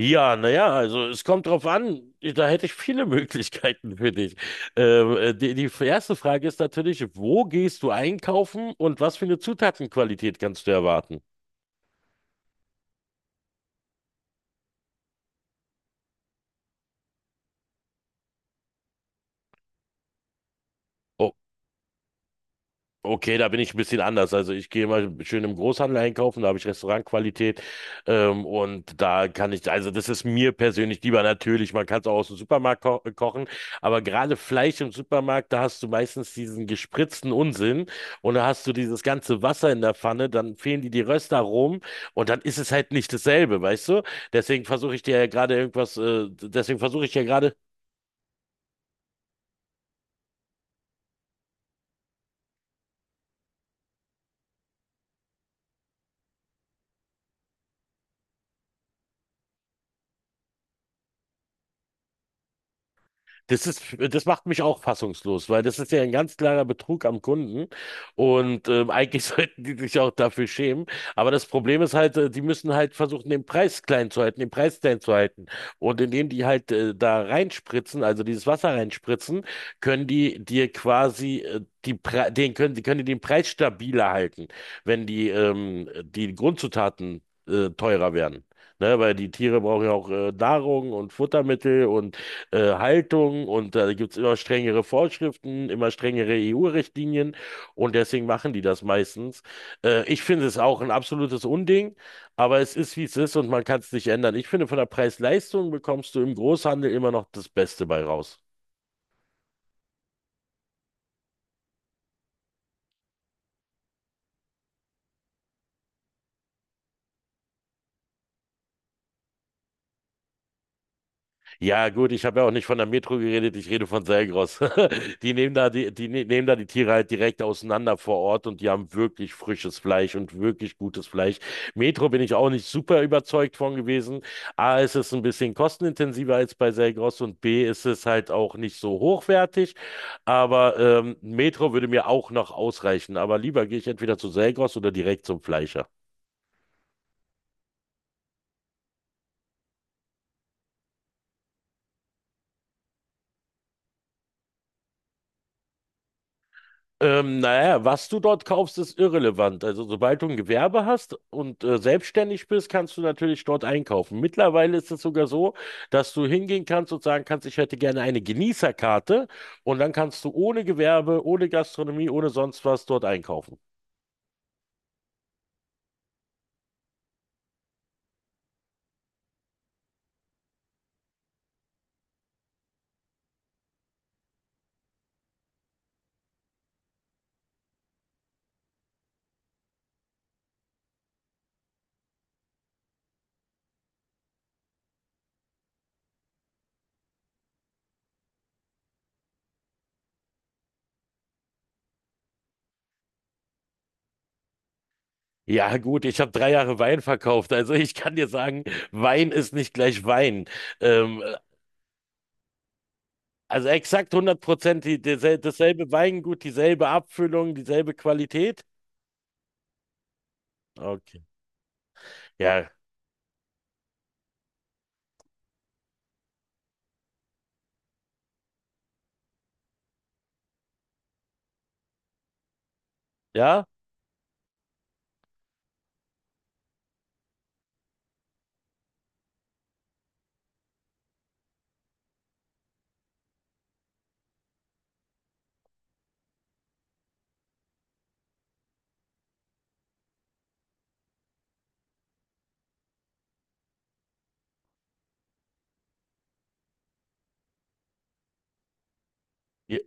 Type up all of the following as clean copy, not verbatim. Ja, naja, also es kommt drauf an, da hätte ich viele Möglichkeiten für dich. Die erste Frage ist natürlich, wo gehst du einkaufen und was für eine Zutatenqualität kannst du erwarten? Oh, okay, da bin ich ein bisschen anders. Also ich gehe mal schön im Großhandel einkaufen, da habe ich Restaurantqualität und da kann ich, also das ist mir persönlich lieber natürlich, man kann es auch aus dem Supermarkt ko kochen, aber gerade Fleisch im Supermarkt, da hast du meistens diesen gespritzten Unsinn und da hast du dieses ganze Wasser in der Pfanne, dann fehlen dir die Röstaromen und dann ist es halt nicht dasselbe, weißt du? Deswegen versuche ich ja gerade. Das ist, das macht mich auch fassungslos, weil das ist ja ein ganz klarer Betrug am Kunden und eigentlich sollten die sich auch dafür schämen. Aber das Problem ist halt, die müssen halt versuchen, den Preis klein zu halten, den Preis klein zu halten. Und indem die halt da reinspritzen, also dieses Wasser reinspritzen, können die dir quasi die können die den Preis stabiler halten, wenn die die Grundzutaten teurer werden. Ne, weil die Tiere brauchen ja auch Nahrung und Futtermittel und Haltung und da gibt es immer strengere Vorschriften, immer strengere EU-Richtlinien und deswegen machen die das meistens. Ich finde es auch ein absolutes Unding, aber es ist, wie es ist und man kann es nicht ändern. Ich finde, von der Preis-Leistung bekommst du im Großhandel immer noch das Beste bei raus. Ja, gut, ich habe ja auch nicht von der Metro geredet, ich rede von Selgros. Die nehmen da die, die ne- Nehmen da die Tiere halt direkt auseinander vor Ort und die haben wirklich frisches Fleisch und wirklich gutes Fleisch. Metro bin ich auch nicht super überzeugt von gewesen. A, ist es ein bisschen kostenintensiver als bei Selgros und B, ist es halt auch nicht so hochwertig. Aber Metro würde mir auch noch ausreichen. Aber lieber gehe ich entweder zu Selgros oder direkt zum Fleischer. Naja, was du dort kaufst, ist irrelevant. Also, sobald du ein Gewerbe hast und selbstständig bist, kannst du natürlich dort einkaufen. Mittlerweile ist es sogar so, dass du hingehen kannst und sagen kannst, ich hätte gerne eine Genießerkarte und dann kannst du ohne Gewerbe, ohne Gastronomie, ohne sonst was dort einkaufen. Ja, gut, ich habe 3 Jahre Wein verkauft. Also, ich kann dir sagen, Wein ist nicht gleich Wein. Ähm, also, exakt 100% dasselbe Weingut, dieselbe Abfüllung, dieselbe Qualität. Okay. Ja. Ja. Ja.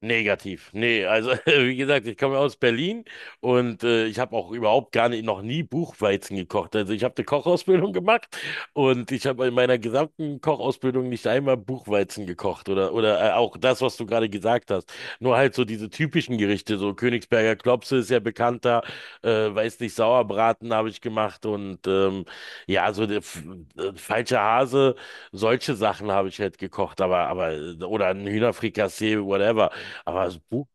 Negativ. Nee, also wie gesagt, ich komme aus Berlin und ich habe auch überhaupt gar nicht, noch nie Buchweizen gekocht. Also ich habe eine Kochausbildung gemacht und ich habe in meiner gesamten Kochausbildung nicht einmal Buchweizen gekocht oder auch das, was du gerade gesagt hast. Nur halt so diese typischen Gerichte, so Königsberger Klopse ist ja bekannter, weiß nicht, Sauerbraten habe ich gemacht und ja, so der falscher Hase, solche Sachen habe ich halt gekocht, aber oder ein Hühnerfrikassee, whatever. Aber das Buch.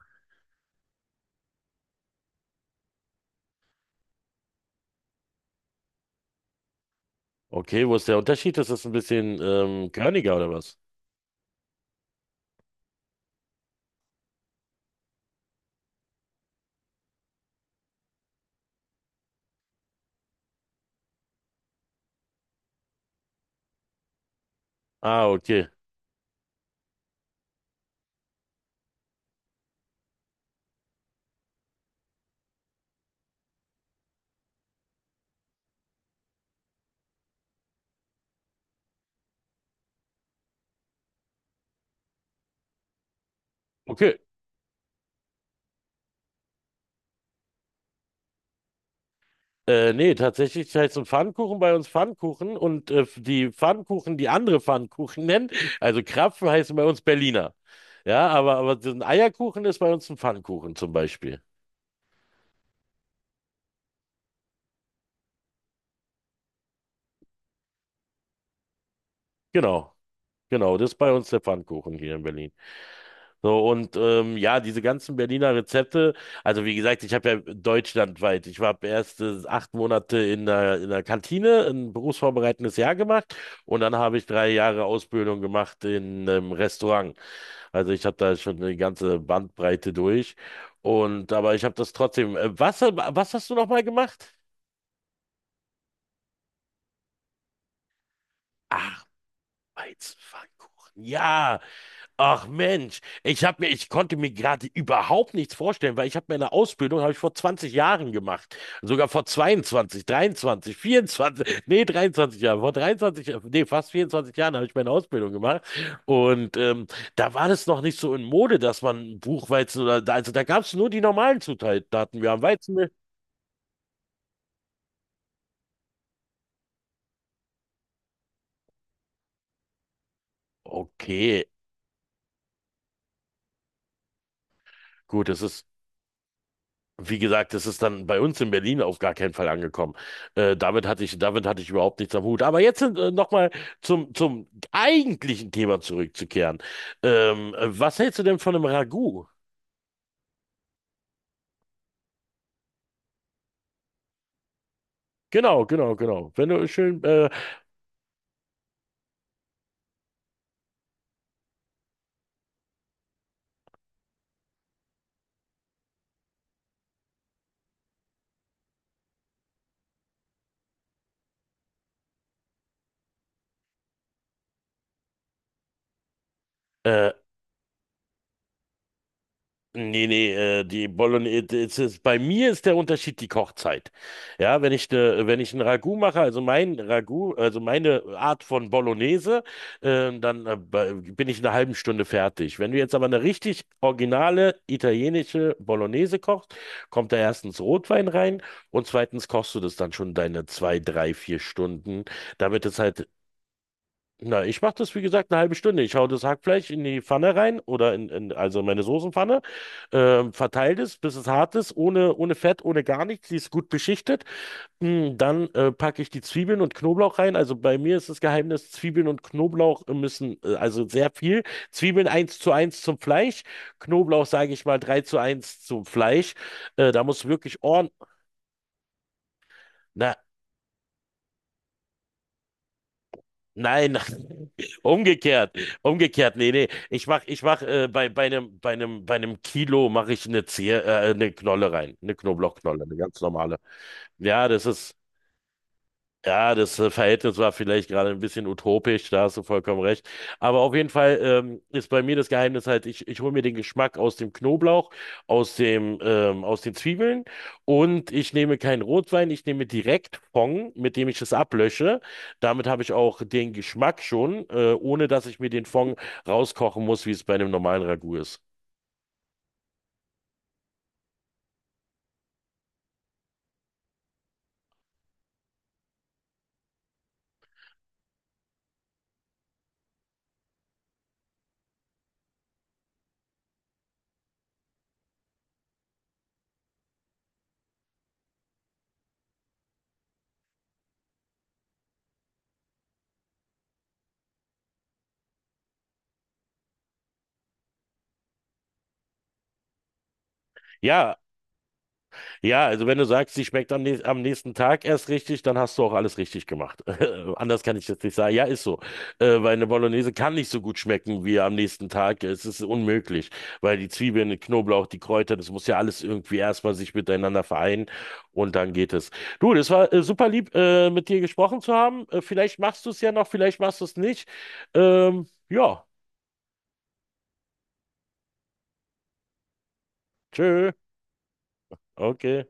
Okay, wo ist der Unterschied? Ist das ein bisschen körniger oder was? Ah, okay. Okay. Nee, tatsächlich heißt ein Pfannkuchen bei uns Pfannkuchen und die Pfannkuchen, die andere Pfannkuchen nennen, also Krapfen heißen bei uns Berliner. Ja, aber so ein Eierkuchen ist bei uns ein Pfannkuchen zum Beispiel. Genau, genau, das ist bei uns der Pfannkuchen hier in Berlin. So, und ja, diese ganzen Berliner Rezepte, also wie gesagt, ich habe ja deutschlandweit, ich habe erst 8 Monate in der Kantine, ein berufsvorbereitendes Jahr gemacht und dann habe ich 3 Jahre Ausbildung gemacht in einem Restaurant. Also ich habe da schon eine ganze Bandbreite durch. Und aber ich habe das trotzdem. Was, was hast du nochmal gemacht? Ach, Weizenpfannkuchen. Ja. Ach Mensch, ich konnte mir gerade überhaupt nichts vorstellen, weil ich habe meine Ausbildung habe ich vor 20 Jahren gemacht, sogar vor 22, 23, 24, nee 23 Jahren, vor 23, nee fast 24 Jahren habe ich meine Ausbildung gemacht und da war das noch nicht so in Mode, dass man Buchweizen oder also da gab es nur die normalen Zutaten. Wir haben Weizenmehl. Okay, gut, das ist. Wie gesagt, das ist dann bei uns in Berlin auf gar keinen Fall angekommen. Damit hatte ich, damit hatte ich überhaupt nichts am Hut. Aber jetzt nochmal zum eigentlichen Thema zurückzukehren. Was hältst du denn von einem Ragout? Genau, genau, genau. Wenn du schön, äh, Nee, nee, die Bolognese, es ist, bei mir ist der Unterschied die Kochzeit. Ja, wenn ich ein Ragout mache, also mein Ragout, also meine Art von Bolognese, dann bin ich in einer halben Stunde fertig. Wenn du jetzt aber eine richtig originale italienische Bolognese kochst, kommt da erstens Rotwein rein und zweitens kochst du das dann schon deine zwei, drei, vier Stunden, damit es halt. Na, ich mache das, wie gesagt, eine halbe Stunde. Ich hau das Hackfleisch in die Pfanne rein oder in also meine Soßenpfanne, verteile es, bis es hart ist, ohne, ohne Fett, ohne gar nichts. Die ist gut beschichtet. Hm, dann packe ich die Zwiebeln und Knoblauch rein. Also bei mir ist das Geheimnis, Zwiebeln und Knoblauch müssen, also sehr viel. Zwiebeln eins zu eins zum Fleisch, Knoblauch, sage ich mal, 3 zu eins zum Fleisch. Da muss wirklich ordentlich. Nein, nein. Umgekehrt, umgekehrt, nee, nee. Ich mach bei einem Kilo mache ich eine Zehe, eine Knolle rein, eine Knoblauchknolle, eine ganz normale. Ja, das ist ja, das Verhältnis war vielleicht gerade ein bisschen utopisch, da hast du vollkommen recht. Aber auf jeden Fall ist bei mir das Geheimnis halt, ich hole mir den Geschmack aus dem Knoblauch, aus den Zwiebeln und ich nehme keinen Rotwein, ich nehme direkt Fond, mit dem ich es ablösche. Damit habe ich auch den Geschmack schon, ohne dass ich mir den Fond rauskochen muss, wie es bei einem normalen Ragout ist. Ja. Ja, also wenn du sagst, sie schmeckt am nächsten Tag erst richtig, dann hast du auch alles richtig gemacht. Anders kann ich jetzt nicht sagen. Ja, ist so. Weil eine Bolognese kann nicht so gut schmecken wie am nächsten Tag. Es ist unmöglich, weil die Zwiebeln, der Knoblauch, die Kräuter, das muss ja alles irgendwie erstmal sich miteinander vereinen und dann geht es. Du, das war super lieb, mit dir gesprochen zu haben. Vielleicht machst du es ja noch, vielleicht machst du es nicht. Ja, tschö. Okay.